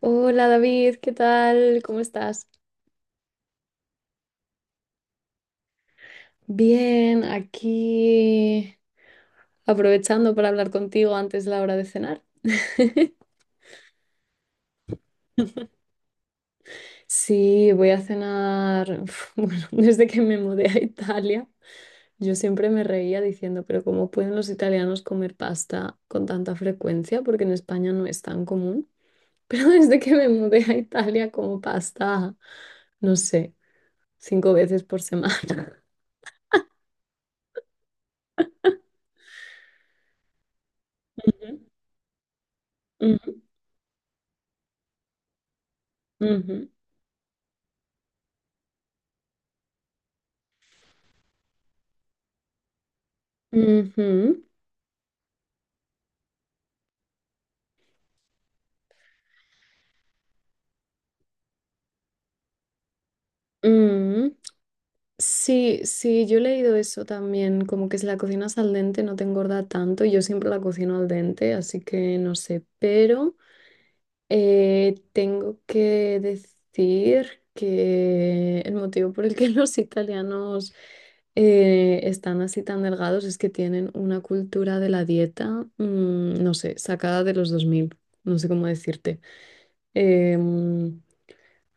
Hola David, ¿qué tal? ¿Cómo estás? Bien, aquí aprovechando para hablar contigo antes de la hora de cenar. Sí, voy a cenar. Uf, bueno, desde que me mudé a Italia, yo siempre me reía diciendo, pero ¿cómo pueden los italianos comer pasta con tanta frecuencia? Porque en España no es tan común. Pero desde que me mudé a Italia como pasta, no sé, cinco veces por semana. Ujú, ujú, ujú, ujú. Mm, sí, sí, yo he leído eso también, como que si la cocinas al dente no te engorda tanto, y yo siempre la cocino al dente, así que no sé, pero tengo que decir que el motivo por el que los italianos están así tan delgados es que tienen una cultura de la dieta, no sé, sacada de los dos mil, no sé cómo decirte. em,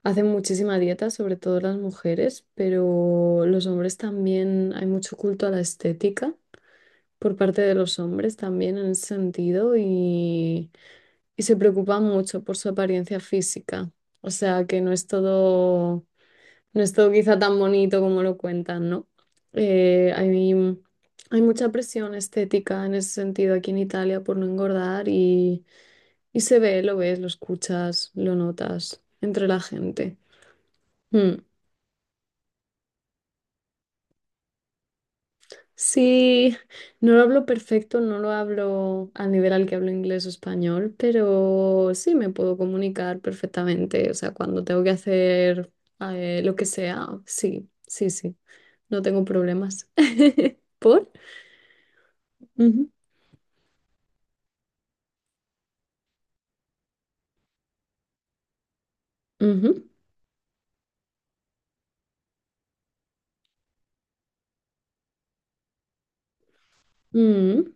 Hacen muchísima dieta, sobre todo las mujeres, pero los hombres también, hay mucho culto a la estética por parte de los hombres también en ese sentido y se preocupan mucho por su apariencia física. O sea que no es todo, no es todo quizá tan bonito como lo cuentan, ¿no? Eh, hay, hay mucha presión estética en ese sentido aquí en Italia por no engordar y se ve, lo ves, lo escuchas, lo notas entre la gente. Mm. Sí, no lo hablo perfecto, no lo hablo al nivel al que hablo inglés o español, pero sí me puedo comunicar perfectamente. O sea, cuando tengo que hacer lo que sea, sí, sí, sí, no tengo problemas. ¿Por? Ujú, ujú, mm,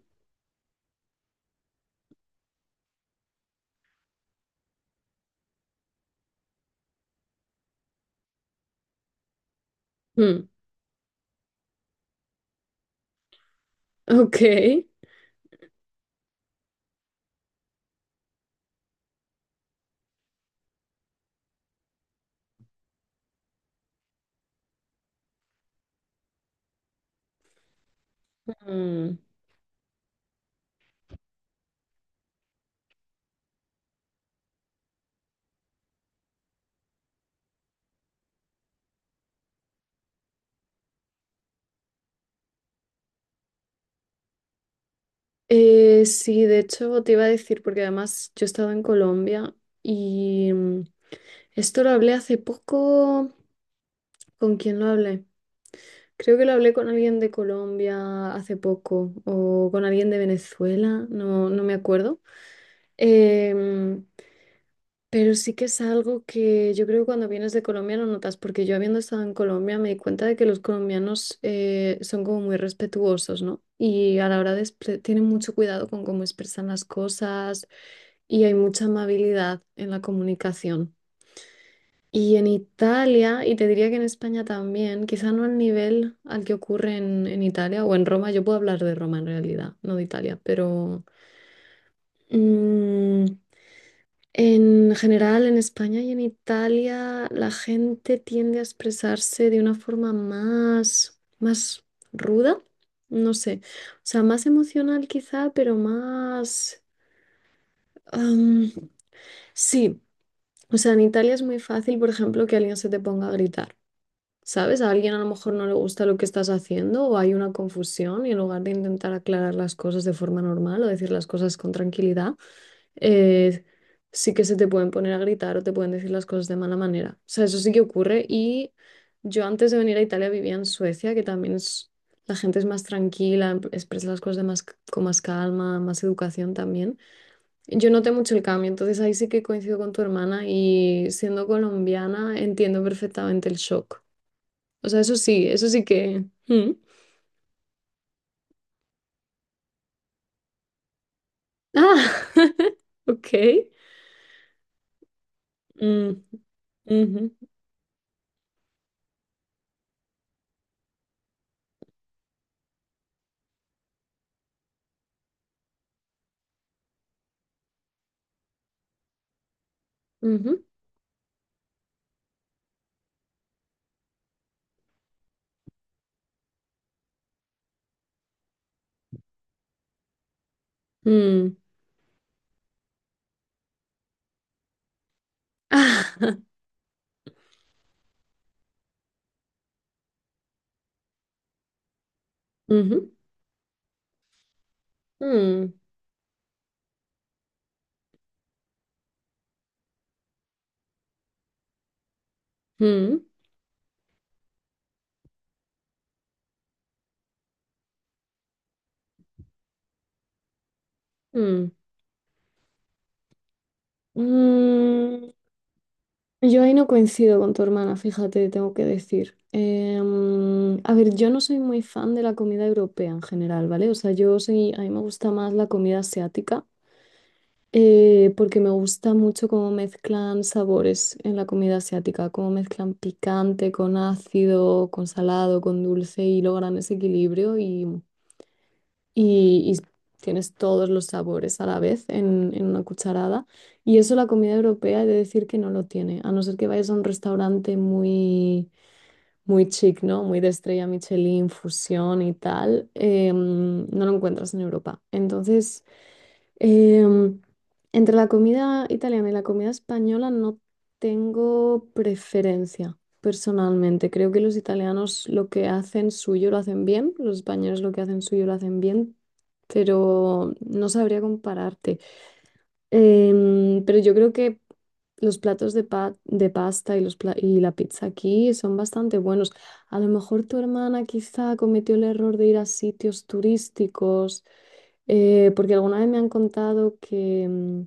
mm. Ok. Mm. Sí, de hecho te iba a decir, porque además yo he estado en Colombia y esto lo hablé hace poco. ¿Con quién lo hablé? Creo que lo hablé con alguien de Colombia hace poco o con alguien de Venezuela, no, no me acuerdo. Em, pero sí que es algo que yo creo que cuando vienes de Colombia no notas, porque yo habiendo estado en Colombia me di cuenta de que los colombianos son como muy respetuosos, ¿no? Y a la hora de tienen mucho cuidado con cómo expresan las cosas y hay mucha amabilidad en la comunicación. Y en Italia, y te diría que en España también, quizá no al nivel al que ocurre en Italia o en Roma, yo puedo hablar de Roma en realidad, no de Italia, pero mm, en general en España y en Italia la gente tiende a expresarse de una forma más, más ruda, no sé, o sea, más emocional quizá, pero más. am, sí, o sea, en Italia es muy fácil, por ejemplo, que alguien se te ponga a gritar. ¿Sabes? A alguien a lo mejor no le gusta lo que estás haciendo o hay una confusión y en lugar de intentar aclarar las cosas de forma normal o decir las cosas con tranquilidad, eh, sí que se te pueden poner a gritar o te pueden decir las cosas de mala manera. O sea, eso sí que ocurre y yo antes de venir a Italia vivía en Suecia, que también es, la gente es más tranquila, expresa las cosas de más, con más calma, más educación también. Yo noté mucho el cambio, entonces ahí sí que coincido con tu hermana y siendo colombiana entiendo perfectamente el shock. O sea, eso sí que. Mm. Ah, ok. Mm, ujú, ujú, mm. Ah, ujú, mm, mm, mm. Mm, Yo ahí no coincido con tu hermana, fíjate, tengo que decir. A ver, yo no soy muy fan de la comida europea en general, ¿vale? O sea, yo soy, a mí me gusta más la comida asiática. Porque me gusta mucho cómo mezclan sabores en la comida asiática, cómo mezclan picante con ácido, con salado, con dulce y logran ese equilibrio y, y tienes todos los sabores a la vez en una cucharada. Y eso la comida europea he de decir que no lo tiene, a no ser que vayas a un restaurante muy, muy chic, ¿no? Muy de estrella Michelin, fusión y tal, no lo encuentras en Europa. Entonces... Em, Entre la comida italiana y la comida española no tengo preferencia personalmente. Creo que los italianos lo que hacen suyo lo hacen bien, los españoles lo que hacen suyo lo hacen bien, pero no sabría compararte. Pero yo creo que los platos de pasta y la pizza aquí son bastante buenos. A lo mejor tu hermana quizá cometió el error de ir a sitios turísticos, porque alguna vez me han contado que mm,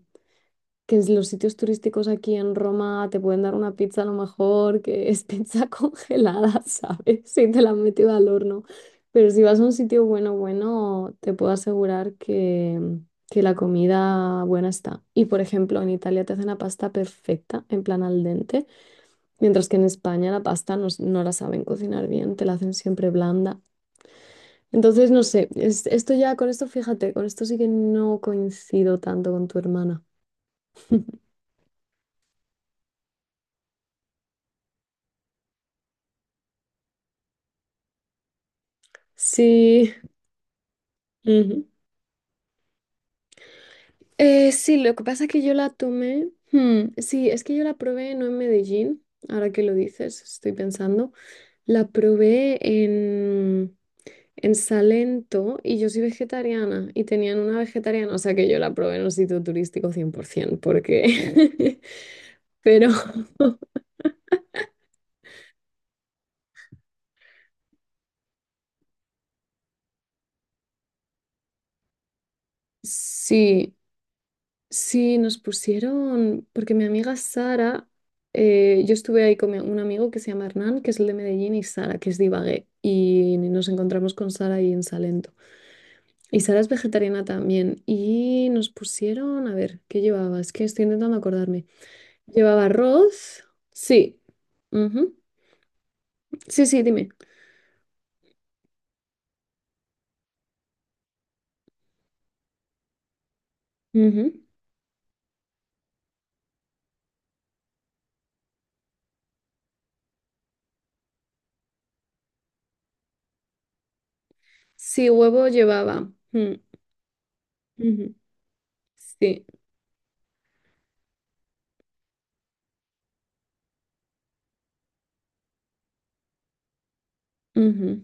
que es los sitios turísticos aquí en Roma te pueden dar una pizza a lo mejor que es pizza congelada, ¿sabes? Si te la han metido al horno. Pero si vas a un sitio bueno, bueno, te puedo asegurar que la comida buena está. Y por ejemplo, en Italia te hacen la pasta perfecta, en plan al dente, mientras que en España la pasta no, no la saben cocinar bien, te la hacen siempre blanda. Entonces, no sé, esto ya, con esto fíjate, con esto sí que no coincido tanto con tu hermana. Sí. Ujú. Sí, lo que pasa es que yo la tomé. Sí, es que yo la probé no en Medellín, ahora que lo dices, estoy pensando. La probé en Salento y yo soy vegetariana y tenían una vegetariana, o sea que yo la probé en un sitio turístico 100%, porque. Pero sí. Sí, nos pusieron, porque mi amiga Sara, yo estuve ahí con un amigo que se llama Hernán, que es el de Medellín, y Sara, que es de Ibagué, y nos encontramos con Sara ahí en Salento. Y Sara es vegetariana también, y nos pusieron, a ver, ¿qué llevaba? Es que estoy intentando acordarme. ¿Llevaba arroz? Sí. Ujú. Sí, sí, dime. Ujú. Sí, huevo llevaba. Mm, ujú. Sí. Ujú.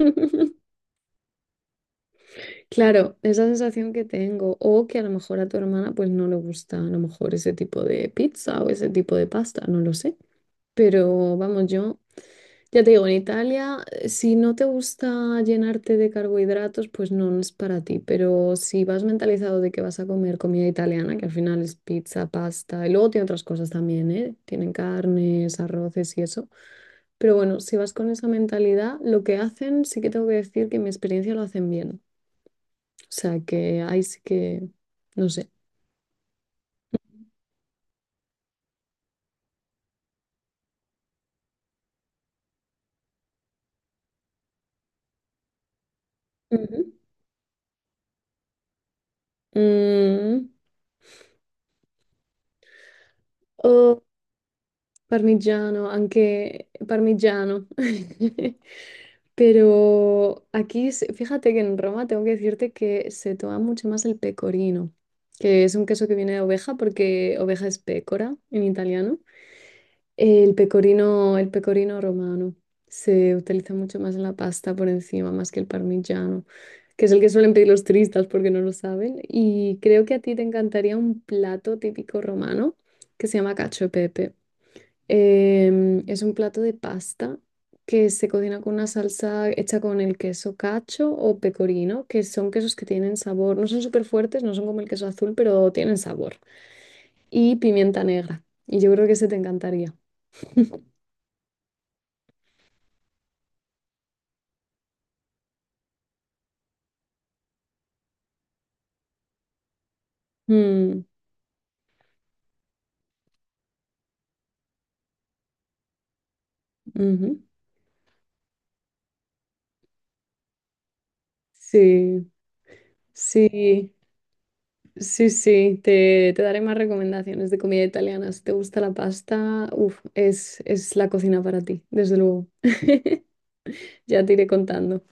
Claro, esa sensación que tengo, o que a lo mejor a tu hermana pues no le gusta a lo mejor ese tipo de pizza o ese tipo de pasta, no lo sé. Pero vamos, yo ya te digo, en Italia, si no te gusta llenarte de carbohidratos, pues no no es para ti. Pero si vas mentalizado de que vas a comer comida italiana, que al final es pizza, pasta, y luego tiene otras cosas también, ¿eh? Tienen carnes, arroces y eso. Pero bueno, si vas con esa mentalidad, lo que hacen, sí que tengo que decir que en mi experiencia lo hacen bien. O sea que ahí sí que, no sé. Ujú. Mm. O parmigiano, aunque parmigiano. Pero aquí, fíjate que en Roma tengo que decirte que se toma mucho más el pecorino, que es un queso que viene de oveja porque oveja es pécora en italiano. El pecorino romano se utiliza mucho más en la pasta por encima, más que el parmigiano, que es el que suelen pedir los turistas porque no lo saben. Y creo que a ti te encantaría un plato típico romano que se llama cacio e pepe. Es un plato de pasta que se cocina con una salsa hecha con el queso cacho o pecorino, que son quesos que tienen sabor, no son súper fuertes, no son como el queso azul, pero tienen sabor. Y pimienta negra. Y yo creo que ese te encantaría. Mm, ujú. Sí, sí, sí, sí. Te daré más recomendaciones de comida italiana. Si te gusta la pasta, uf, es la cocina para ti, desde luego. Ya te iré contando.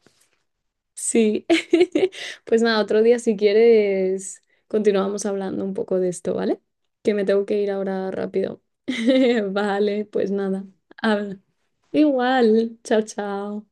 Sí. Pues nada, otro día si quieres continuamos hablando un poco de esto, ¿vale? Que me tengo que ir ahora rápido. Vale, pues nada. Habla. Igual. Chao, chao.